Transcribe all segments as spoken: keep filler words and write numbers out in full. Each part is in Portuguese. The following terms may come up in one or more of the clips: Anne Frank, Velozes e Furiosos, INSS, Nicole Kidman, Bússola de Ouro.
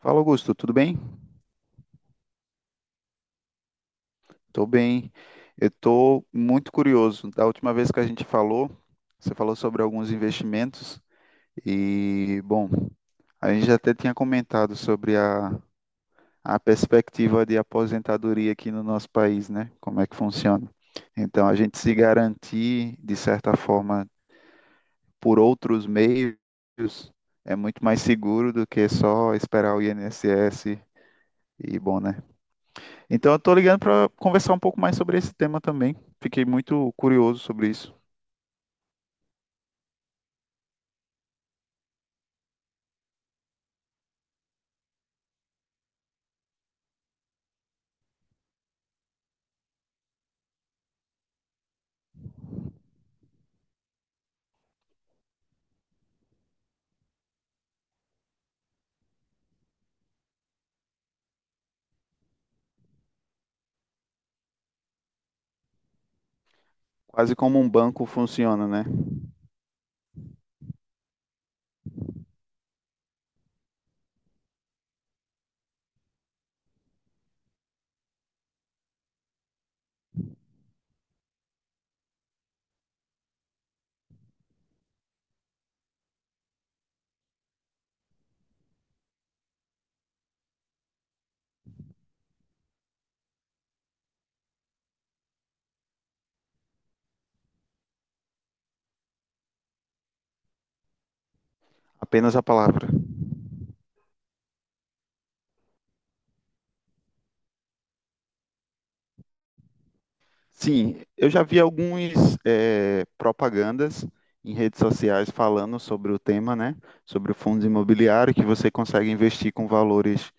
Fala, Augusto, tudo bem? Tô bem. Eu tô muito curioso. Da última vez que a gente falou, você falou sobre alguns investimentos e, bom, a gente já até tinha comentado sobre a, a perspectiva de aposentadoria aqui no nosso país, né? Como é que funciona. Então, a gente se garantir, de certa forma, por outros meios é muito mais seguro do que só esperar o I N S S e, bom, né? Então eu tô ligando para conversar um pouco mais sobre esse tema também. Fiquei muito curioso sobre isso. Quase como um banco funciona, né? Apenas a palavra. Sim, eu já vi algumas propagandas em redes sociais falando sobre o tema, né? Sobre o fundo imobiliário, que você consegue investir com valores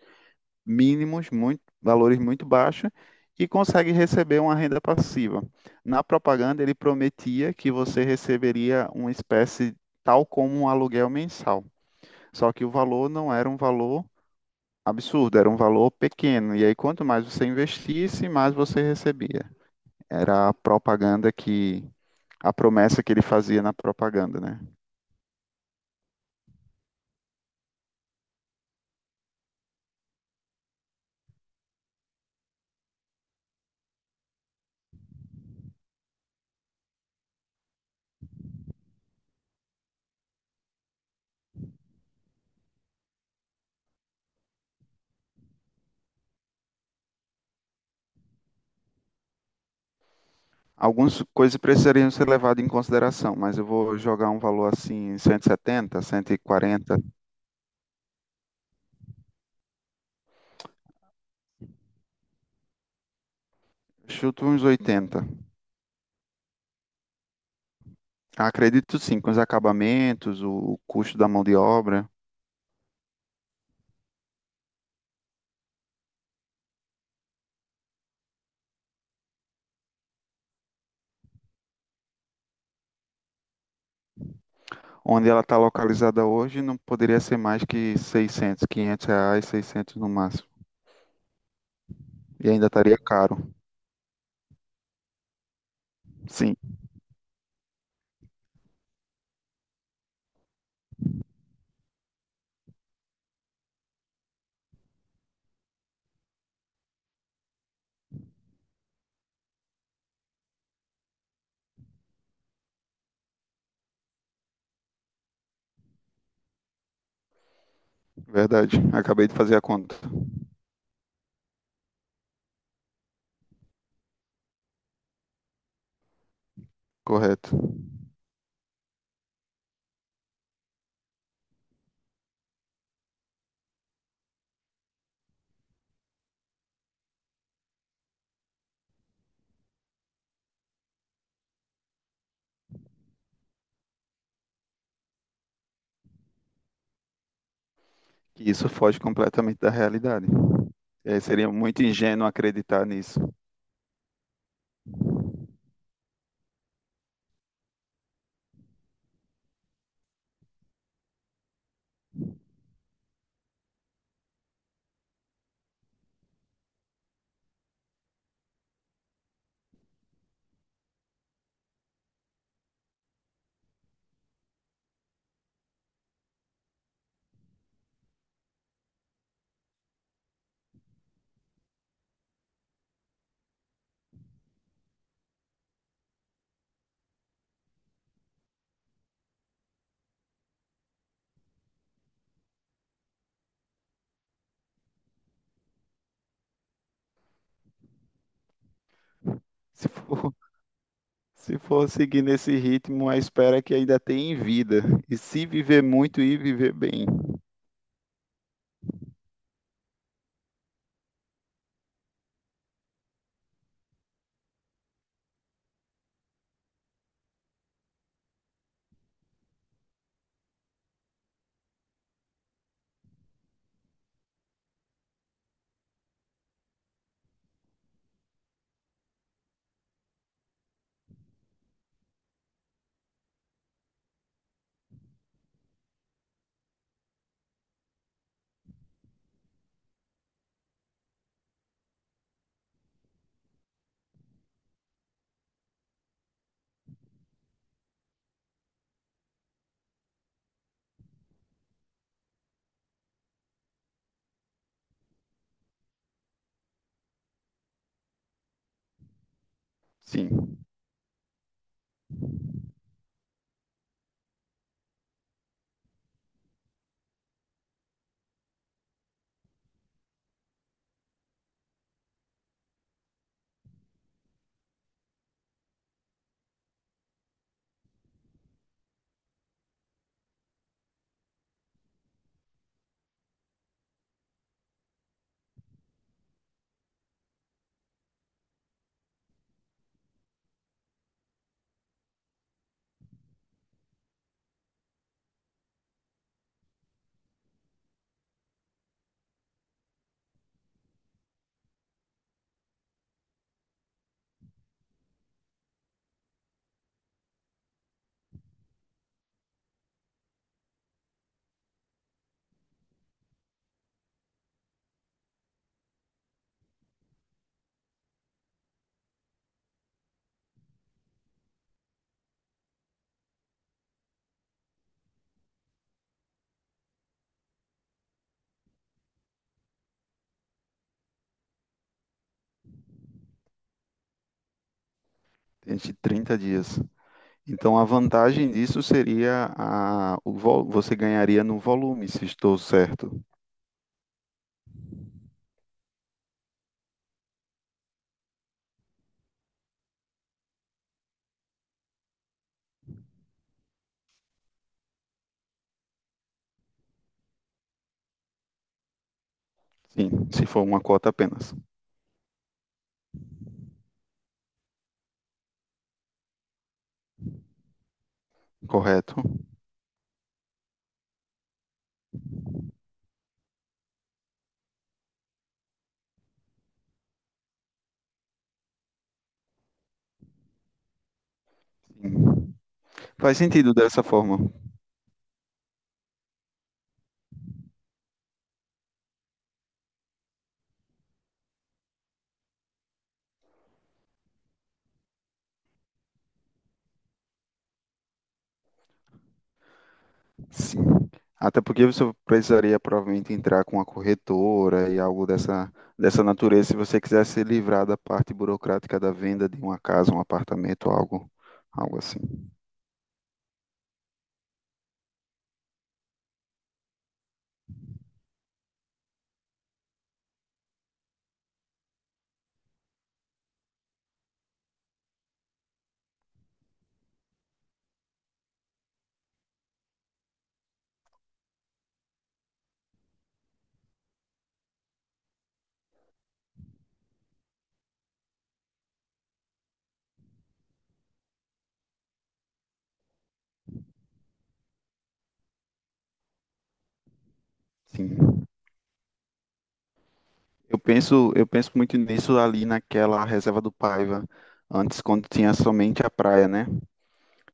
mínimos, muito, valores muito baixos, e consegue receber uma renda passiva. Na propaganda, ele prometia que você receberia uma espécie tal como um aluguel mensal. Só que o valor não era um valor absurdo, era um valor pequeno. E aí, quanto mais você investisse, mais você recebia. Era a propaganda que. A promessa que ele fazia na propaganda, né? Algumas coisas precisariam ser levadas em consideração, mas eu vou jogar um valor assim, cento e setenta, cento e quarenta, chuto uns oitenta. Acredito sim, com os acabamentos, o o custo da mão de obra, onde ela está localizada hoje, não poderia ser mais que seiscentos, quinhentos reais, seiscentos no máximo. E ainda estaria caro. Sim, verdade. Acabei de fazer a conta. Correto. E isso foge completamente da realidade. É, seria muito ingênuo acreditar nisso. Se for, se for seguir nesse ritmo, a espera é que ainda tem em vida. E se viver muito e viver bem. Sim, entre trinta dias. Então, a vantagem disso seria a, o, vol- você ganharia no volume, se estou certo. Sim, se for uma cota apenas. Correto? Sim. Faz sentido dessa forma. Sim. Até porque você precisaria provavelmente entrar com a corretora e algo dessa, dessa natureza, se você quiser se livrar da parte burocrática da venda de uma casa, um apartamento, algo, algo assim. Sim. Eu penso, eu penso muito nisso ali naquela reserva do Paiva, antes quando tinha somente a praia, né?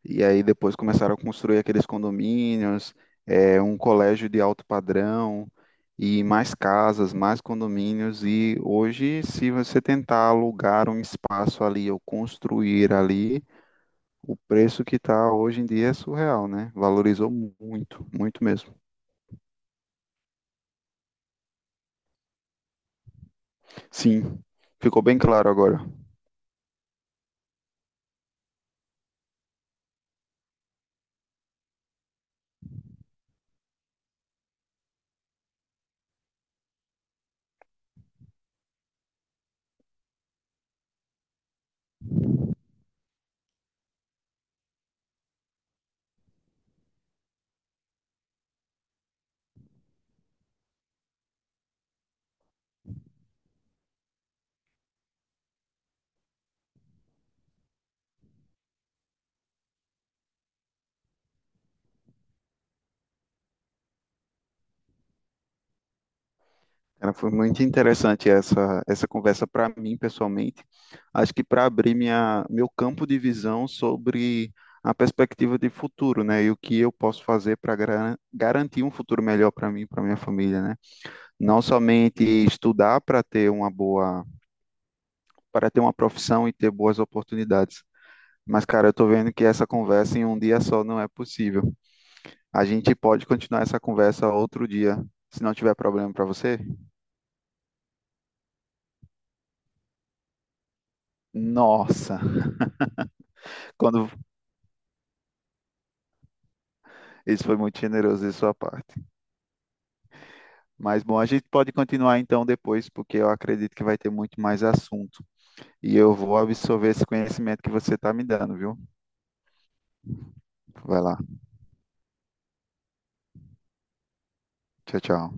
E aí depois começaram a construir aqueles condomínios, eh, um colégio de alto padrão e mais casas, mais condomínios. E hoje, se você tentar alugar um espaço ali ou construir ali, o preço que está hoje em dia é surreal, né? Valorizou mu- muito, muito mesmo. Sim, ficou bem claro agora. Cara, foi muito interessante essa, essa conversa para mim, pessoalmente. Acho que para abrir minha, meu campo de visão sobre a perspectiva de futuro, né? E o que eu posso fazer para garantir um futuro melhor para mim, e para minha família, né? Não somente estudar para ter uma boa, para ter uma profissão e ter boas oportunidades, mas, cara, eu tô vendo que essa conversa em um dia só não é possível. A gente pode continuar essa conversa outro dia, se não tiver problema pra você. Nossa, quando isso foi muito generoso de sua parte. Mas bom, a gente pode continuar então depois, porque eu acredito que vai ter muito mais assunto. E eu vou absorver esse conhecimento que você tá me dando, viu? Vai lá. Tchau, tchau.